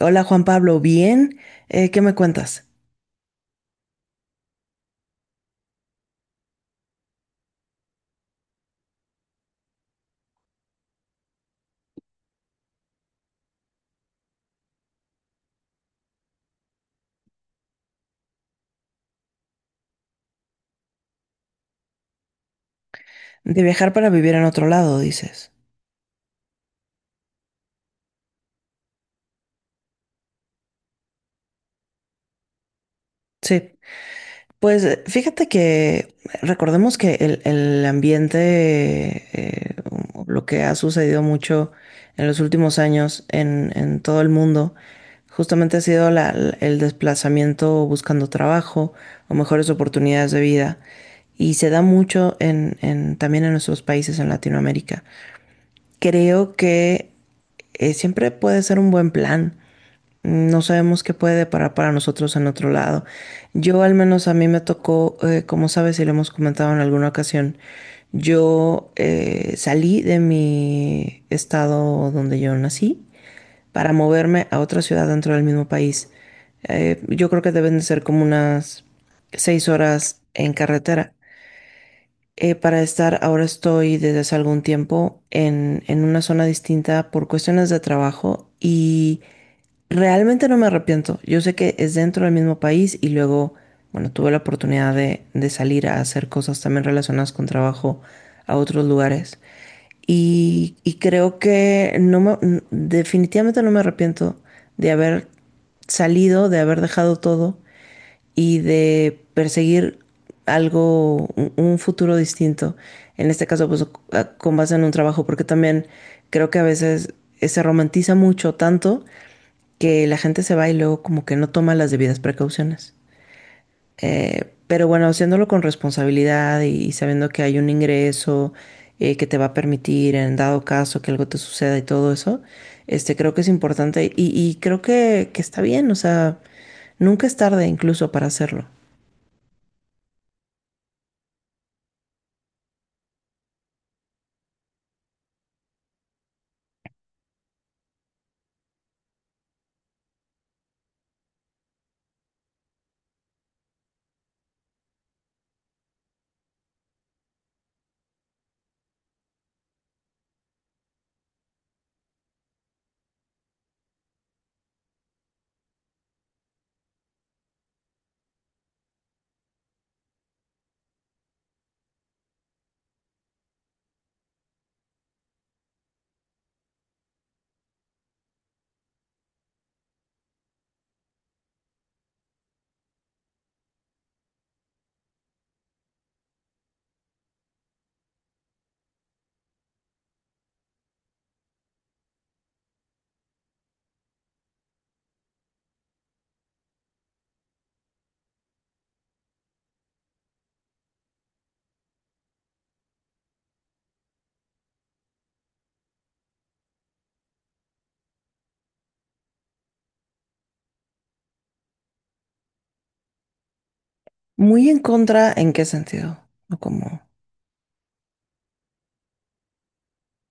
Hola Juan Pablo, ¿bien? ¿Qué me cuentas? De viajar para vivir en otro lado, dices. Sí. Pues fíjate que recordemos que el ambiente, eh, o lo que ha sucedido mucho en los últimos años en todo el mundo, justamente ha sido el desplazamiento buscando trabajo o mejores oportunidades de vida. Y se da mucho también en nuestros países en Latinoamérica. Creo que siempre puede ser un buen plan. No sabemos qué puede deparar para nosotros en otro lado. Yo al menos a mí me tocó, como sabes y lo hemos comentado en alguna ocasión, yo salí de mi estado donde yo nací para moverme a otra ciudad dentro del mismo país. Yo creo que deben de ser como unas 6 horas en carretera para estar, ahora estoy desde hace algún tiempo en una zona distinta por cuestiones de trabajo y realmente no me arrepiento. Yo sé que es dentro del mismo país y luego, bueno, tuve la oportunidad de salir a hacer cosas también relacionadas con trabajo a otros lugares. Y creo que definitivamente no me arrepiento de haber salido, de haber dejado todo y de perseguir algo, un futuro distinto. En este caso, pues con base en un trabajo, porque también creo que a veces se romantiza mucho tanto que la gente se va y luego como que no toma las debidas precauciones. Pero bueno, haciéndolo con responsabilidad y sabiendo que hay un ingreso que te va a permitir en dado caso que algo te suceda y todo eso, este creo que es importante y creo que está bien, o sea, nunca es tarde incluso para hacerlo. Muy en contra, ¿en qué sentido? No como,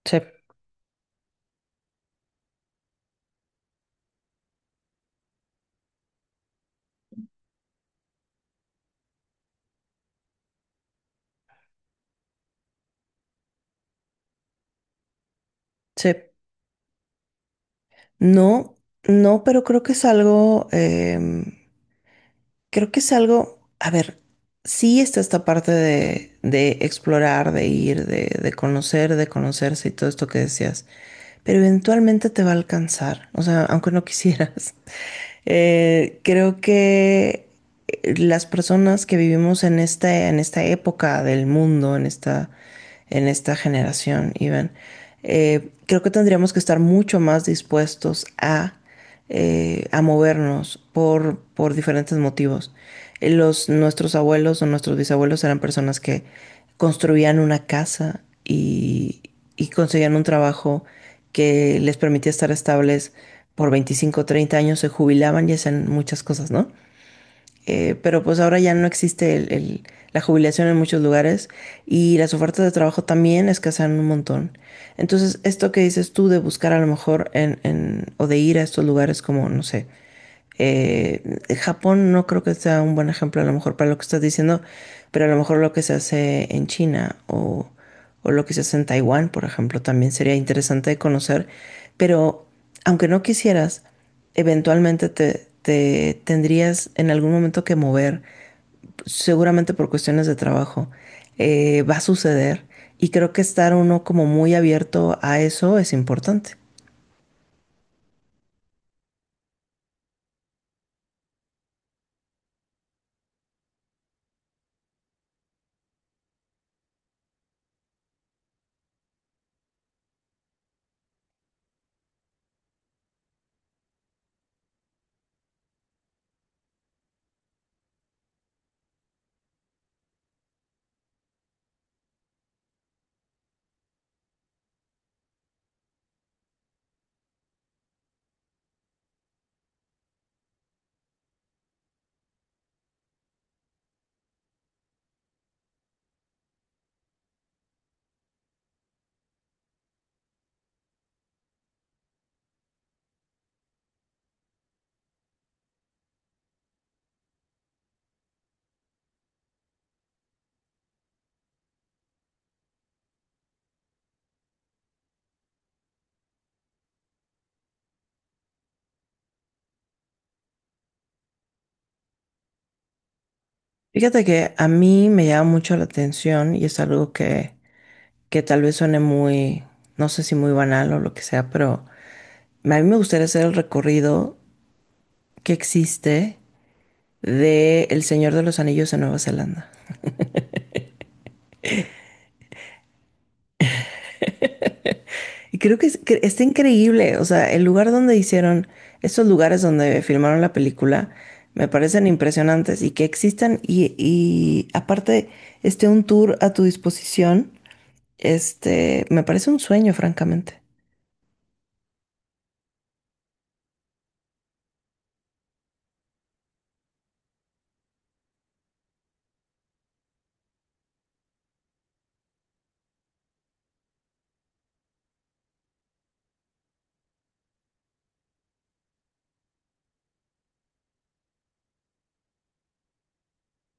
chep, chep. No, no, pero creo que es algo, creo que es algo, a ver, sí está esta parte de explorar, de ir, de conocer, de conocerse y todo esto que decías, pero eventualmente te va a alcanzar, o sea, aunque no quisieras. Creo que las personas que vivimos en esta, en esta, época del mundo, en esta generación, Iván, creo que tendríamos que estar mucho más dispuestos a movernos por diferentes motivos. Nuestros abuelos o nuestros bisabuelos eran personas que construían una casa y conseguían un trabajo que les permitía estar estables por 25 o 30 años, se jubilaban y hacían muchas cosas, ¿no? Pero pues ahora ya no existe la jubilación en muchos lugares y las ofertas de trabajo también escasean un montón. Entonces, esto que dices tú de buscar a lo mejor en, o de ir a estos lugares como, no sé, Japón no creo que sea un buen ejemplo a lo mejor para lo que estás diciendo, pero a lo mejor lo que se hace en China o lo que se hace en Taiwán, por ejemplo, también sería interesante de conocer, pero aunque no quisieras, eventualmente te tendrías en algún momento que mover, seguramente por cuestiones de trabajo. Va a suceder y creo que estar uno como muy abierto a eso es importante. Fíjate que a mí me llama mucho la atención y es algo que tal vez suene muy, no sé si muy banal o lo que sea, pero a mí me gustaría hacer el recorrido que existe de El Señor de los Anillos en Nueva Zelanda. Y creo que, que está increíble, o sea, el lugar donde hicieron, estos lugares donde filmaron la película, me parecen impresionantes y que existan y aparte esté un tour a tu disposición, me parece un sueño, francamente.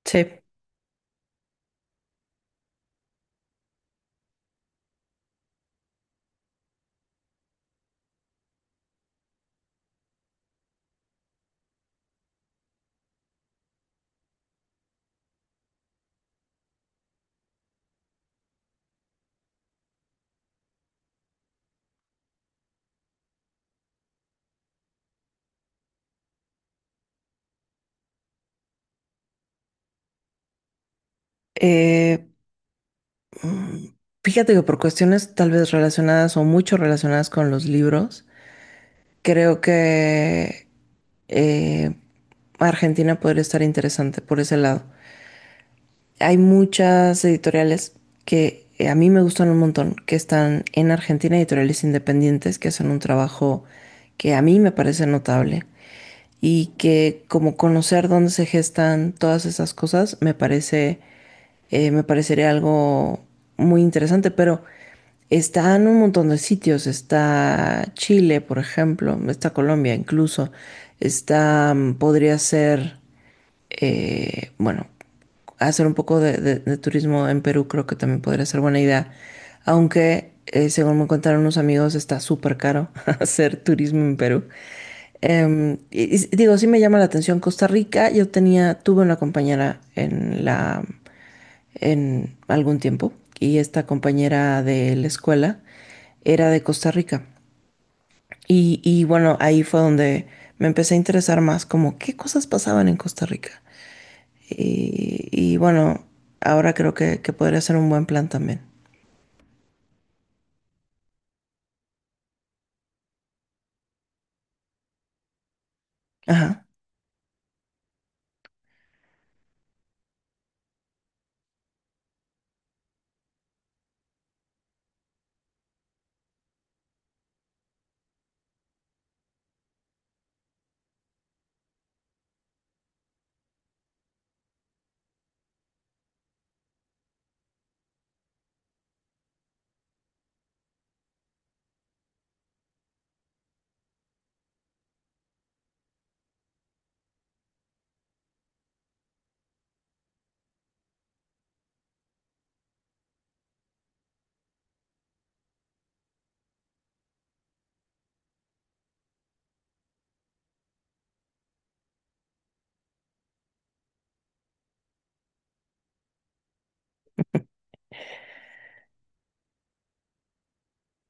Sí. Eh, Fíjate que por cuestiones tal vez relacionadas o mucho relacionadas con los libros, creo que eh, Argentina podría estar interesante por ese lado. Hay muchas editoriales que a mí me gustan un montón, que están en Argentina, editoriales independientes que hacen un trabajo que a mí me parece notable y que como conocer dónde se gestan todas esas cosas me parece, me parecería algo muy interesante, pero está en un montón de sitios, está Chile, por ejemplo, está Colombia incluso, está, podría ser bueno, hacer un poco de turismo en Perú creo que también podría ser buena idea, aunque según me contaron unos amigos está súper caro hacer turismo en Perú. Y digo, sí me llama la atención Costa Rica, tuve una compañera en algún tiempo y esta compañera de la escuela era de Costa Rica. Y bueno, ahí fue donde me empecé a interesar más como qué cosas pasaban en Costa Rica. Y bueno, ahora creo que podría ser un buen plan también. Ajá.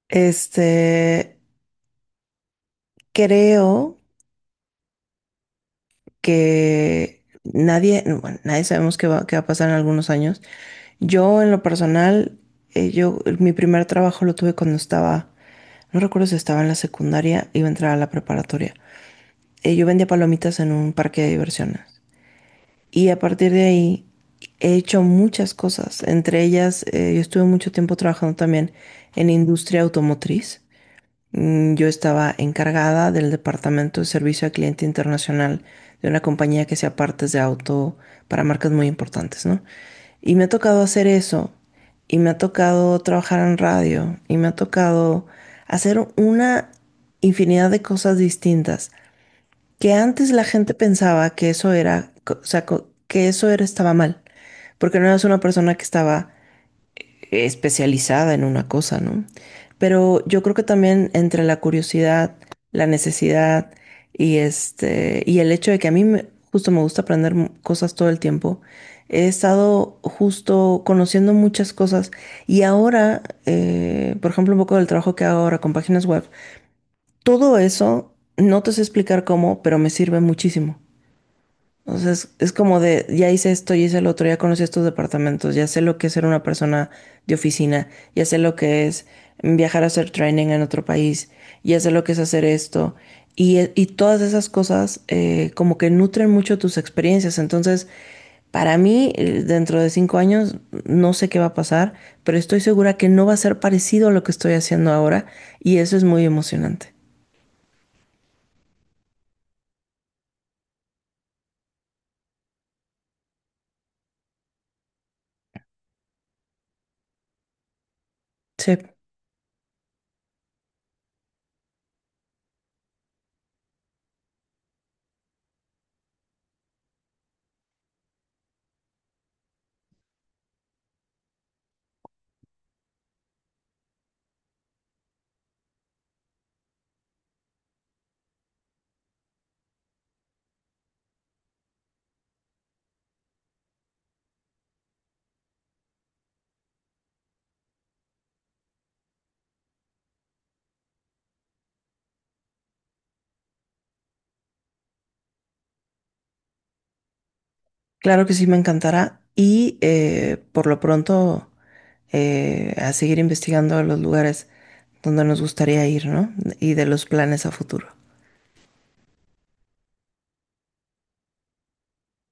Este, creo que nadie, bueno, nadie sabemos qué va, a pasar en algunos años. Yo, en lo personal, mi primer trabajo lo tuve cuando estaba, no recuerdo si estaba en la secundaria, iba a entrar a la preparatoria. Yo vendía palomitas en un parque de diversiones. Y a partir de ahí he hecho muchas cosas. Entre ellas, yo estuve mucho tiempo trabajando también en industria automotriz. Yo estaba encargada del departamento de servicio al cliente internacional de una compañía que hacía partes de auto para marcas muy importantes, ¿no? Y me ha tocado hacer eso, y me ha tocado trabajar en radio, y me ha tocado hacer una infinidad de cosas distintas que antes la gente pensaba que eso era, o sea, que eso era, estaba mal, porque no eras una persona que estaba especializada en una cosa, ¿no? Pero yo creo que también entre la curiosidad, la necesidad y el hecho de que a mí justo me gusta aprender cosas todo el tiempo, he estado justo conociendo muchas cosas y ahora, por ejemplo, un poco del trabajo que hago ahora con páginas web, todo eso, no te sé explicar cómo, pero me sirve muchísimo. O sea, es como de, ya hice esto, ya hice el otro, ya conocí estos departamentos, ya sé lo que es ser una persona de oficina, ya sé lo que es viajar a hacer training en otro país, ya sé lo que es hacer esto. Y todas esas cosas como que nutren mucho tus experiencias. Entonces, para mí, dentro de 5 años, no sé qué va a pasar, pero estoy segura que no va a ser parecido a lo que estoy haciendo ahora y eso es muy emocionante. Sí, claro que sí, me encantará y por lo pronto, a seguir investigando los lugares donde nos gustaría ir, ¿no? Y de los planes a futuro.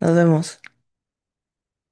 Nos vemos.